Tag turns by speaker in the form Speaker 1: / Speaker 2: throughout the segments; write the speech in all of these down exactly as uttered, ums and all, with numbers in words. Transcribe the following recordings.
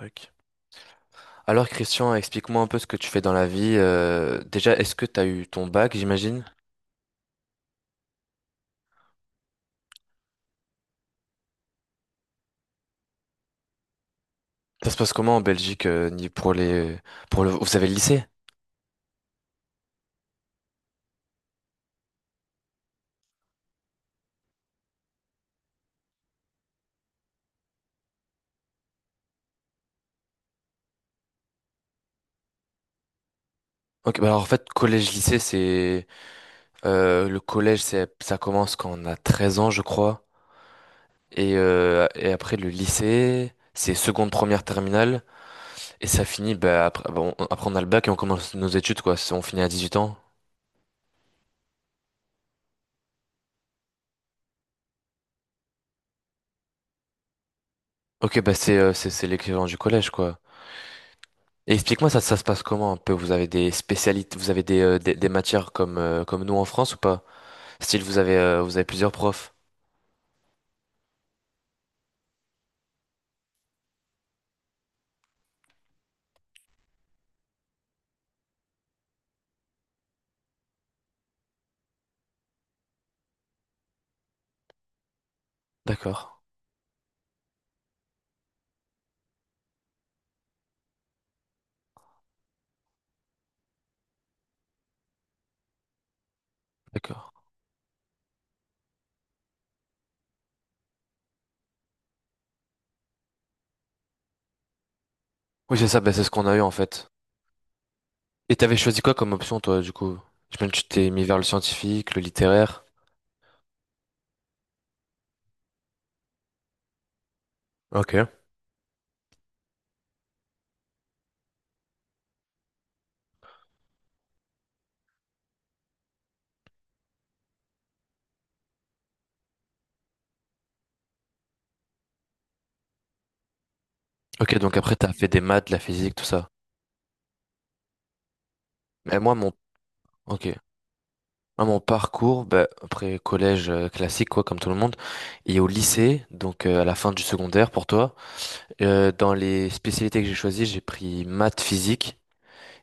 Speaker 1: Ok. Alors Christian, explique-moi un peu ce que tu fais dans la vie. Euh, déjà, est-ce que tu as eu ton bac, j'imagine? Ça se passe comment en Belgique euh, ni pour les pour le vous avez le lycée? Ok, bah alors en fait collège lycée c'est euh, le collège c'est ça commence quand on a treize ans je crois et euh, et après le lycée c'est seconde première terminale et ça finit bah après bon, on- après on a le bac et on commence nos études quoi. C'est- on finit à dix-huit ans. Ok bah c'est euh, c'est c'est l'équivalent du collège quoi. Et explique-moi, ça, ça se passe comment un peu? Vous avez des spécialités, vous avez des, euh, des, des matières comme, euh, comme nous en France ou pas? Style, vous avez, euh, vous avez plusieurs profs. D'accord, d'accord. Oui, c'est ça, bah, c'est ce qu'on a eu en fait. Et t'avais choisi quoi comme option, toi, du coup? Je me Tu t'es mis vers le scientifique, le littéraire. Ok. Ok, donc après, t'as fait des maths, de la physique, tout ça. Mais moi, mon, ok. Moi, mon parcours, bah, après collège euh, classique, quoi, comme tout le monde, et au lycée, donc euh, à la fin du secondaire pour toi, euh, dans les spécialités que j'ai choisies, j'ai pris maths, physique.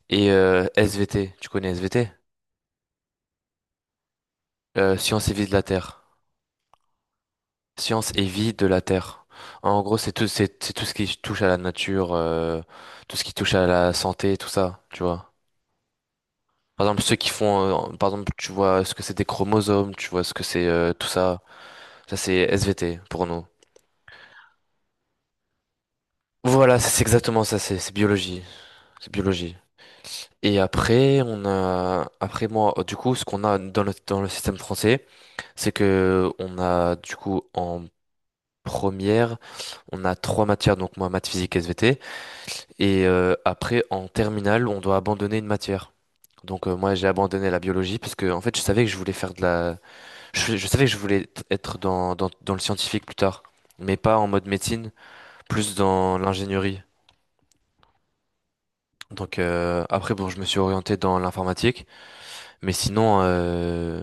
Speaker 1: Et euh, S V T, tu connais S V T? Euh, science et vie de la Terre. Science et vie de la Terre. En gros, c'est tout, c'est c'est tout ce qui touche à la nature, euh, tout ce qui touche à la santé, tout ça, tu vois. Par exemple, ceux qui font, euh, par exemple, tu vois ce que c'est des chromosomes, tu vois ce que c'est euh, tout ça. Ça, c'est S V T pour nous. Voilà, c'est c'est exactement ça, c'est c'est biologie, c'est biologie. Et après, on a, après moi, euh, du coup, ce qu'on a dans le, dans le système français, c'est que on a du coup en première, on a trois matières, donc moi, maths, physique, S V T. Et euh, après, en terminale, on doit abandonner une matière. Donc euh, moi, j'ai abandonné la biologie parce que, en fait, je savais que je voulais faire de la... Je, je savais que je voulais t- être dans, dans, dans le scientifique plus tard, mais pas en mode médecine, plus dans l'ingénierie. Donc euh, après, bon, je me suis orienté dans l'informatique. Mais sinon, euh,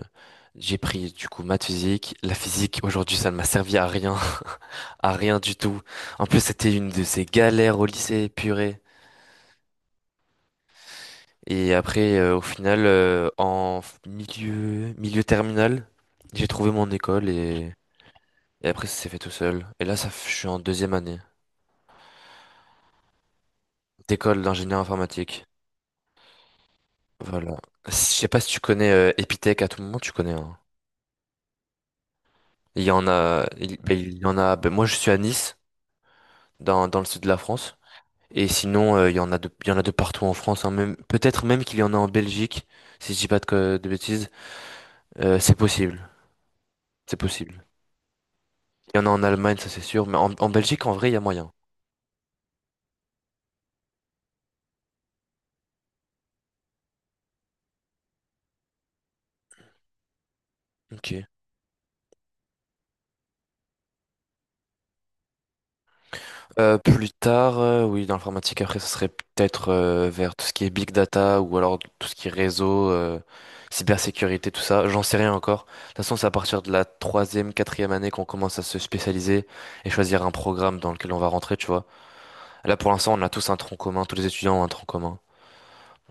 Speaker 1: j'ai pris du coup maths physique. La physique, aujourd'hui, ça ne m'a servi à rien, à rien du tout. En plus, c'était une de ces galères au lycée, purée. Et après, euh, au final, euh, en f- milieu, milieu terminal, j'ai trouvé mon école et, et après, ça s'est fait tout seul. Et là, ça, f- je suis en deuxième année d'école d'ingénieur informatique. Voilà. Je sais pas si tu connais euh, Epitech à tout moment, tu connais, hein. Il y en a, il, ben, il y en a. Ben, moi, je suis à Nice, dans, dans le sud de la France. Et sinon, euh, il y en a de, il y en a de partout en France, hein, même, peut-être même qu'il y en a en Belgique, si je dis pas de, co- de bêtises. Euh, c'est possible, c'est possible. Il y en a en Allemagne, ça c'est sûr, mais en, en Belgique, en vrai, il y a moyen. Ok. Euh, plus tard, euh, oui, dans l'informatique, après, ça serait peut-être euh, vers tout ce qui est big data ou alors tout ce qui est réseau, euh, cybersécurité, tout ça. J'en sais rien encore. De toute façon, c'est à partir de la troisième, quatrième année qu'on commence à se spécialiser et choisir un programme dans lequel on va rentrer, tu vois. Là, pour l'instant, on a tous un tronc commun, tous les étudiants ont un tronc commun.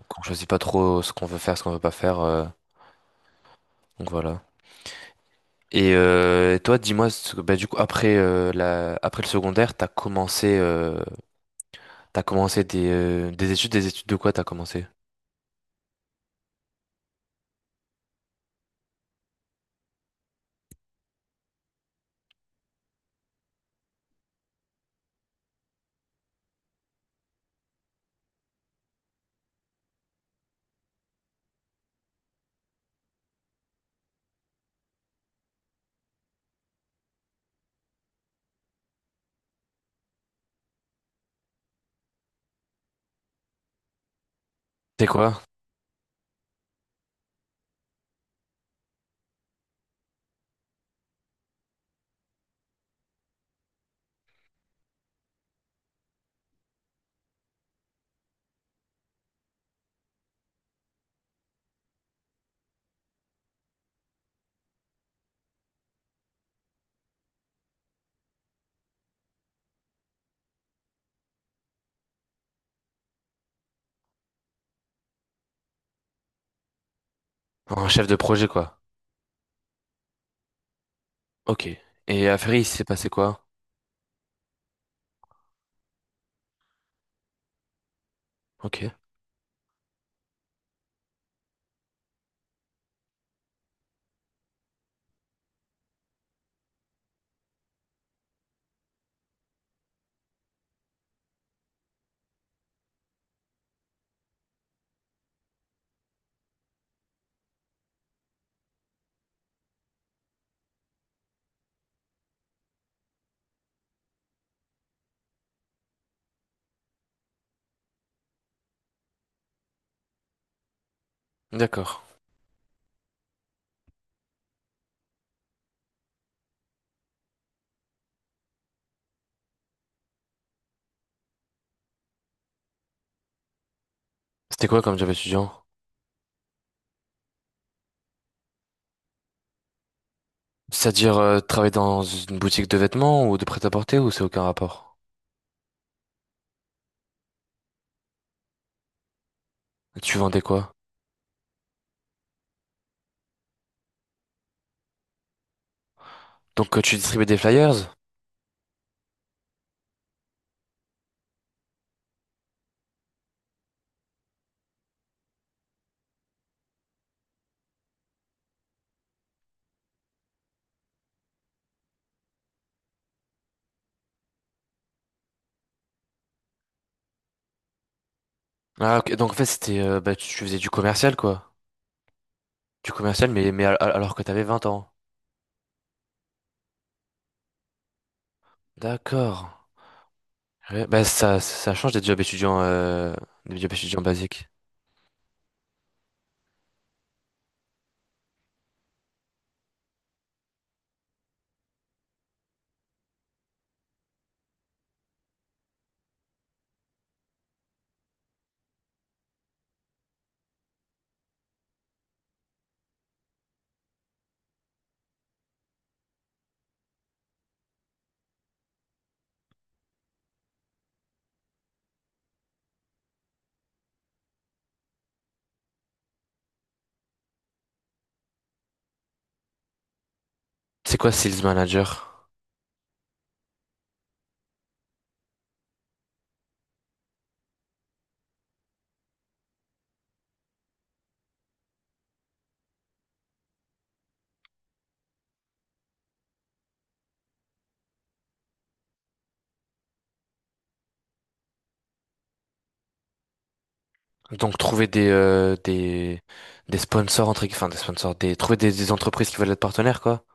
Speaker 1: Qu'on choisit pas trop ce qu'on veut faire, ce qu'on veut pas faire. Euh, donc voilà. Et euh, toi, dis-moi, ce que- bah, du coup, après, euh, la, après le secondaire, t'as commencé, euh, t'as commencé des, euh, des études, des études de quoi t'as commencé? C'est quoi? Un chef de projet, quoi. Ok. Et à Ferry, il s'est passé quoi? Ok. D'accord. C'était quoi comme job étudiant? C'est-à-dire, euh, travailler dans une boutique de vêtements ou de prêt-à-porter ou c'est aucun rapport? Tu vendais quoi? Donc, euh, tu distribuais des flyers? Ah, ok. Donc, en fait, c'était, euh, bah, tu tu faisais du commercial, quoi. Du commercial, mais, mais al- al- alors que t'avais vingt ans. D'accord. Ouais, bah ça, ça change des jobs étudiants, euh, des jobs étudiants basiques. C'est quoi sales manager? Donc trouver des, euh, des, des sponsors, entre, gu- enfin des sponsors, des, trouver des, des entreprises qui veulent être partenaires, quoi.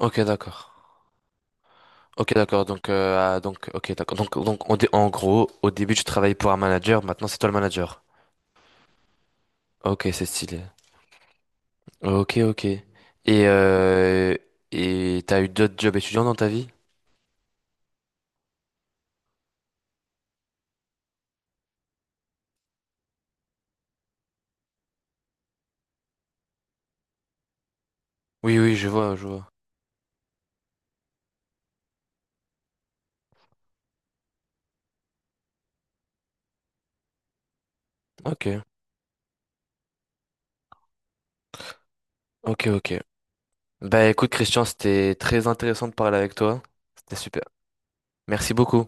Speaker 1: Ok, d'accord. Ok, d'accord. Donc, euh, ah, donc, ok, d'accord. Donc, donc on dé- en gros, au début, tu travaillais pour un manager, maintenant c'est toi le manager. Ok, c'est stylé. Ok, ok. Et, euh, et t'as eu d'autres jobs étudiants dans ta vie? Oui, oui, je vois, je vois. Ok. Ok, ok. Bah écoute, Christian, c'était très intéressant de parler avec toi. C'était super. Merci beaucoup.